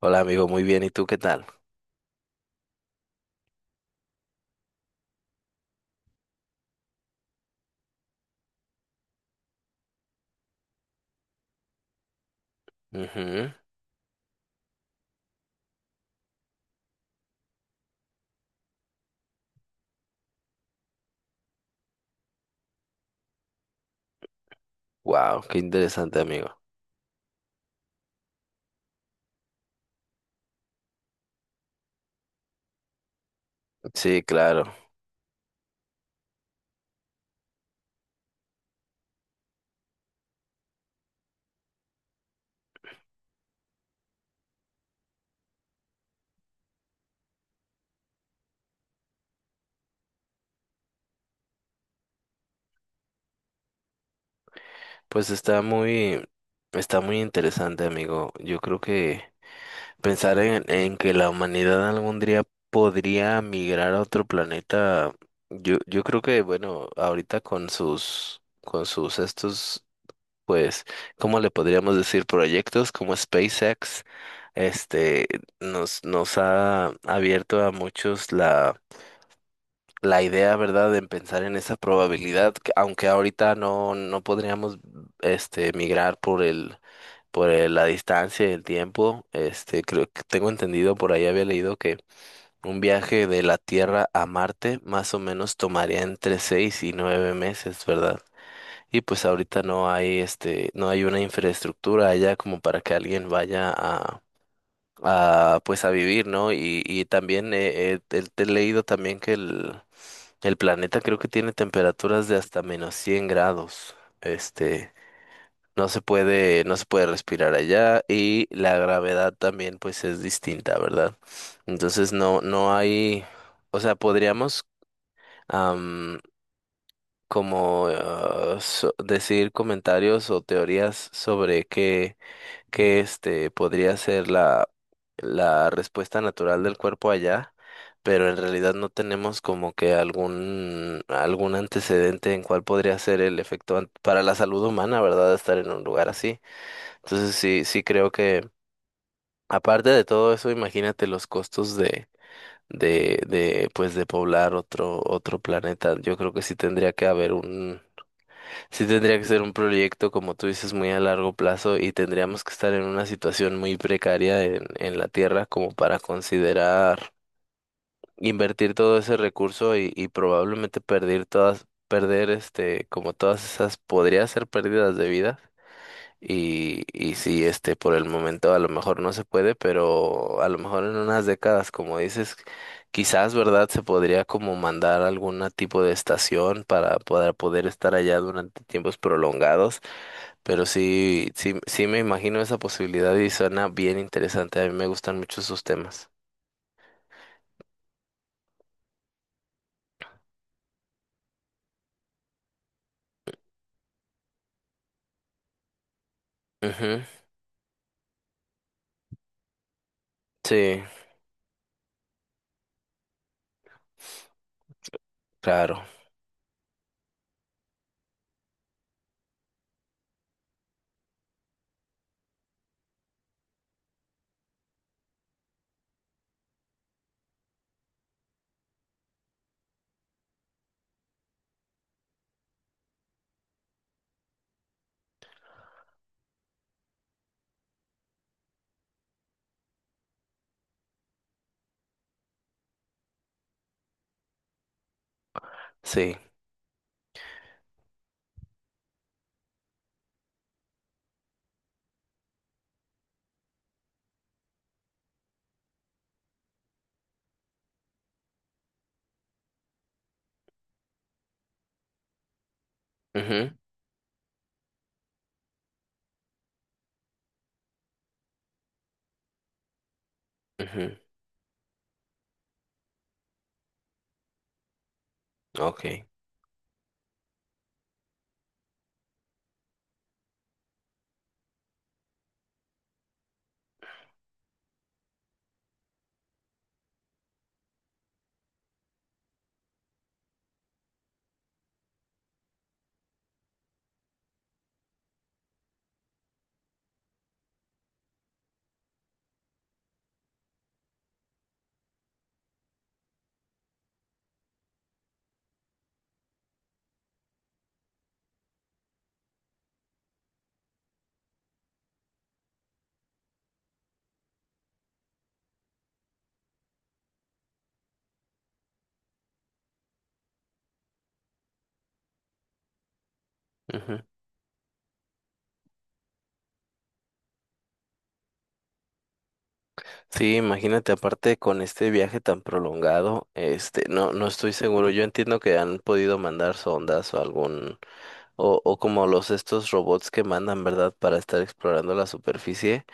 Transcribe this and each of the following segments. Hola amigo, muy bien. ¿Y tú qué tal? Wow, qué interesante amigo. Sí, claro. Pues está muy interesante amigo. Yo creo que pensar en que la humanidad algún día podría migrar a otro planeta, yo creo que bueno, ahorita con sus estos, pues, ¿cómo le podríamos decir? Proyectos como SpaceX, este, nos ha abierto a muchos la la idea, ¿verdad?, de pensar en esa probabilidad, que aunque ahorita no, no podríamos migrar por el, la distancia y el tiempo, creo que tengo entendido, por ahí había leído que un viaje de la Tierra a Marte más o menos tomaría entre 6 y 9 meses, ¿verdad? Y pues ahorita no hay, no hay una infraestructura allá como para que alguien vaya a pues a vivir, ¿no? Y también te he leído también que el planeta creo que tiene temperaturas de hasta menos 100 grados. Este, no se puede, no se puede respirar allá y la gravedad también pues es distinta, ¿verdad? Entonces no, no hay, o sea, podríamos am, como decir comentarios o teorías sobre que este podría ser la, la respuesta natural del cuerpo allá, pero en realidad no tenemos como que algún, algún antecedente en cuál podría ser el efecto para la salud humana, ¿verdad? Estar en un lugar así. Entonces sí, sí creo que, aparte de todo eso, imagínate los costos de. De pues de poblar otro otro planeta yo creo que sí tendría que haber. Sí tendría que ser un proyecto, como tú dices, muy a largo plazo y tendríamos que estar en una situación muy precaria en la Tierra como para considerar invertir todo ese recurso y probablemente perder todas, perder como todas esas podría ser pérdidas de vida y sí, por el momento a lo mejor no se puede, pero a lo mejor en unas décadas, como dices, quizás, ¿verdad? Se podría como mandar algún tipo de estación para poder, poder estar allá durante tiempos prolongados. Pero sí, sí, sí me imagino esa posibilidad y suena bien interesante. A mí me gustan mucho esos temas. Ujú. Sí, claro, sí. Mhm. Mhm. Ok. Ujú. Sí, imagínate, aparte con este viaje tan prolongado, no, no estoy seguro. Yo entiendo que han podido mandar sondas o algún, o como los estos robots que mandan, ¿verdad? Para estar explorando la superficie,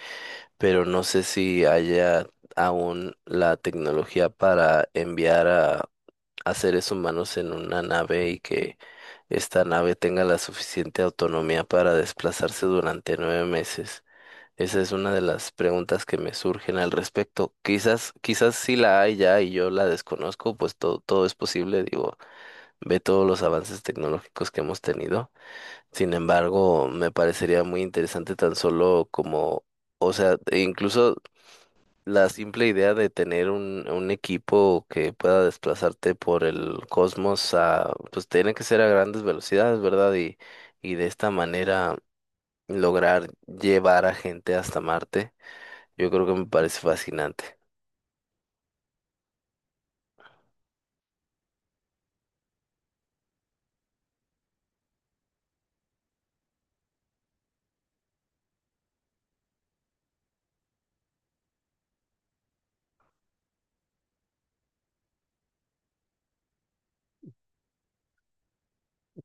pero no sé si haya aún la tecnología para enviar a seres humanos en una nave y que esta nave tenga la suficiente autonomía para desplazarse durante 9 meses. Esa es una de las preguntas que me surgen al respecto. Quizás, quizás sí la hay ya y yo la desconozco, pues todo, todo es posible, digo, ve todos los avances tecnológicos que hemos tenido. Sin embargo, me parecería muy interesante tan solo como, o sea, e incluso la simple idea de tener un equipo que pueda desplazarte por el cosmos a, pues tiene que ser a grandes velocidades, ¿verdad? Y de esta manera lograr llevar a gente hasta Marte yo creo que me parece fascinante.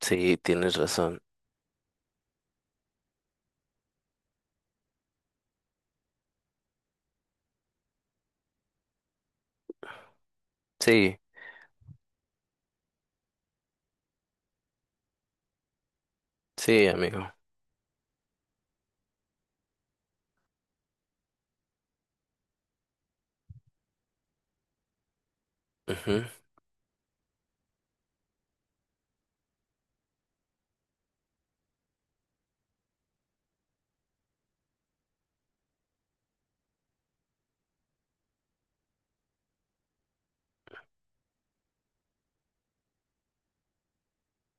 Sí, tienes razón. Sí, sí, amigo. Ujú.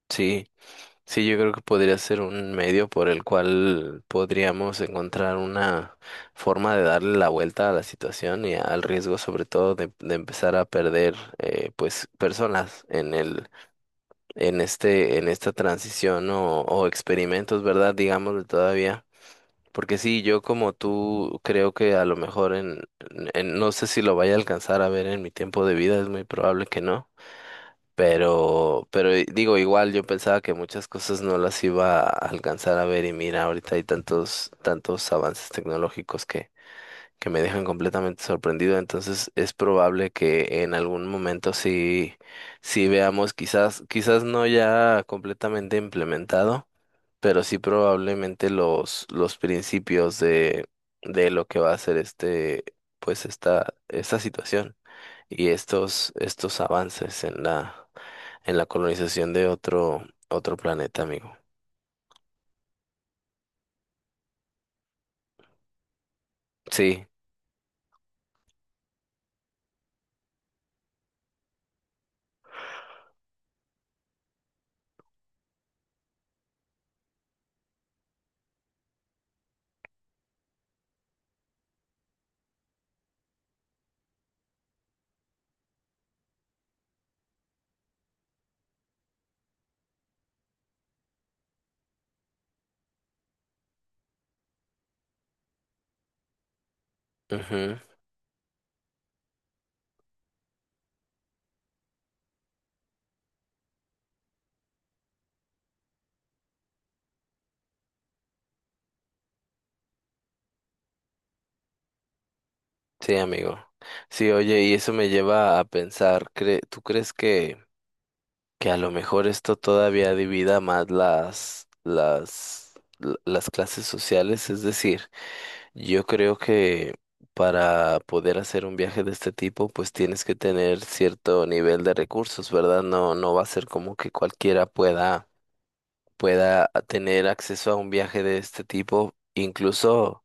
Sí, sí, yo creo que podría ser un medio por el cual podríamos encontrar una forma de darle la vuelta a la situación y al riesgo, sobre todo, de empezar a perder, pues, personas en el, en este, en esta transición o experimentos, ¿verdad? Digámoslo todavía. Porque sí, yo como tú creo que a lo mejor en- no sé si lo vaya a alcanzar a ver en mi tiempo de vida, es muy probable que no, pero digo, igual yo pensaba que muchas cosas no las iba a alcanzar a ver y mira, ahorita hay tantos tantos avances tecnológicos que me dejan completamente sorprendido, entonces es probable que en algún momento sí sí veamos quizás quizás no ya completamente implementado pero sí probablemente los principios de lo que va a ser pues esta situación y estos, estos avances en la colonización de otro, otro planeta, amigo. Sí. Ujú. Sí, amigo. Sí, oye, y eso me lleva a pensar, ¿tú crees que a lo mejor esto todavía divida más las, las clases sociales? Es decir, yo creo que para poder hacer un viaje de este tipo, pues tienes que tener cierto nivel de recursos, ¿verdad? No, no va a ser como que cualquiera pueda, pueda tener acceso a un viaje de este tipo, incluso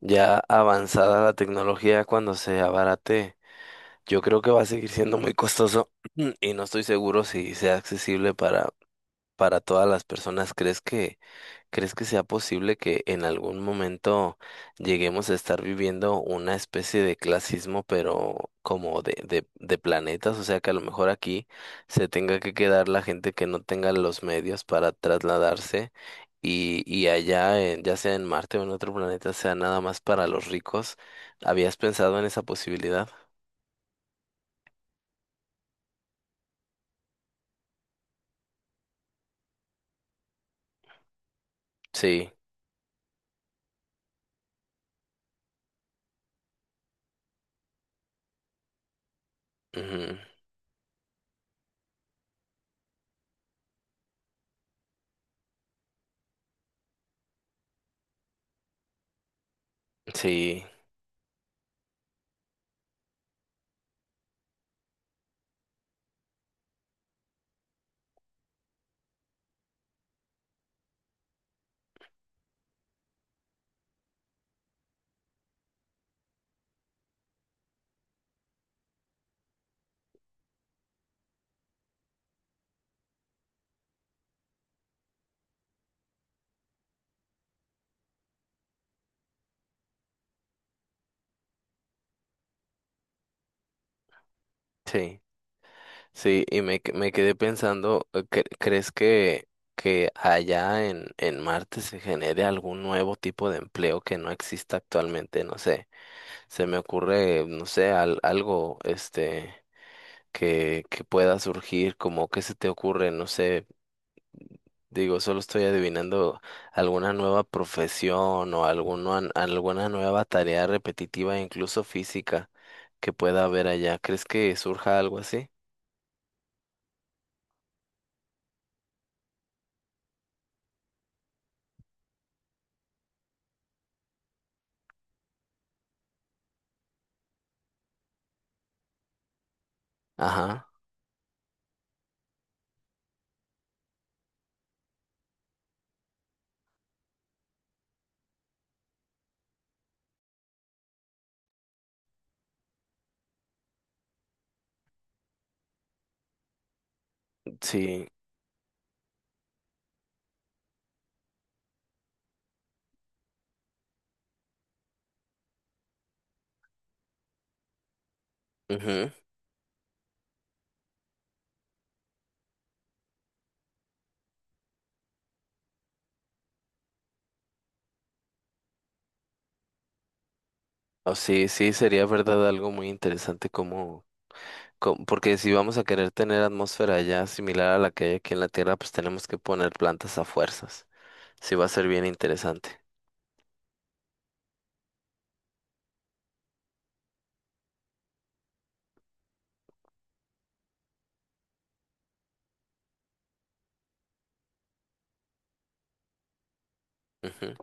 ya avanzada la tecnología cuando se abarate. Yo creo que va a seguir siendo muy costoso y no estoy seguro si sea accesible para todas las personas. ¿Crees que? ¿Crees que sea posible que en algún momento lleguemos a estar viviendo una especie de clasismo, pero como de planetas? O sea, que a lo mejor aquí se tenga que quedar la gente que no tenga los medios para trasladarse y allá, ya sea en Marte o en otro planeta, sea nada más para los ricos. ¿Habías pensado en esa posibilidad? Sí. Ujú. Sí, sí. Sí, y me, me quedé pensando, ¿crees que allá en Marte se genere algún nuevo tipo de empleo que no exista actualmente? No sé, se me ocurre, no sé, algo que pueda surgir, como qué se te ocurre, no sé, digo, solo estoy adivinando alguna nueva profesión o alguna, alguna nueva tarea repetitiva, incluso física, que pueda haber allá. ¿Crees que surja algo así? Ajá, sí. Ujú. Oh, sí, sí, sería verdad algo muy interesante como, como- porque si vamos a querer tener atmósfera ya similar a la que hay aquí en la Tierra, pues tenemos que poner plantas a fuerzas. Sí, va a ser bien interesante. Ujú.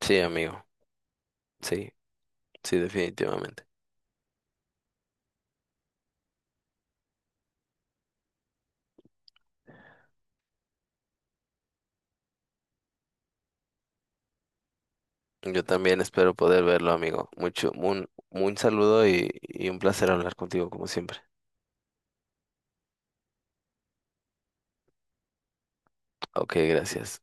Sí, amigo. Sí, sí, definitivamente. Yo también espero poder verlo, amigo. Mucho, un saludo y un placer hablar contigo como siempre. Ok, gracias.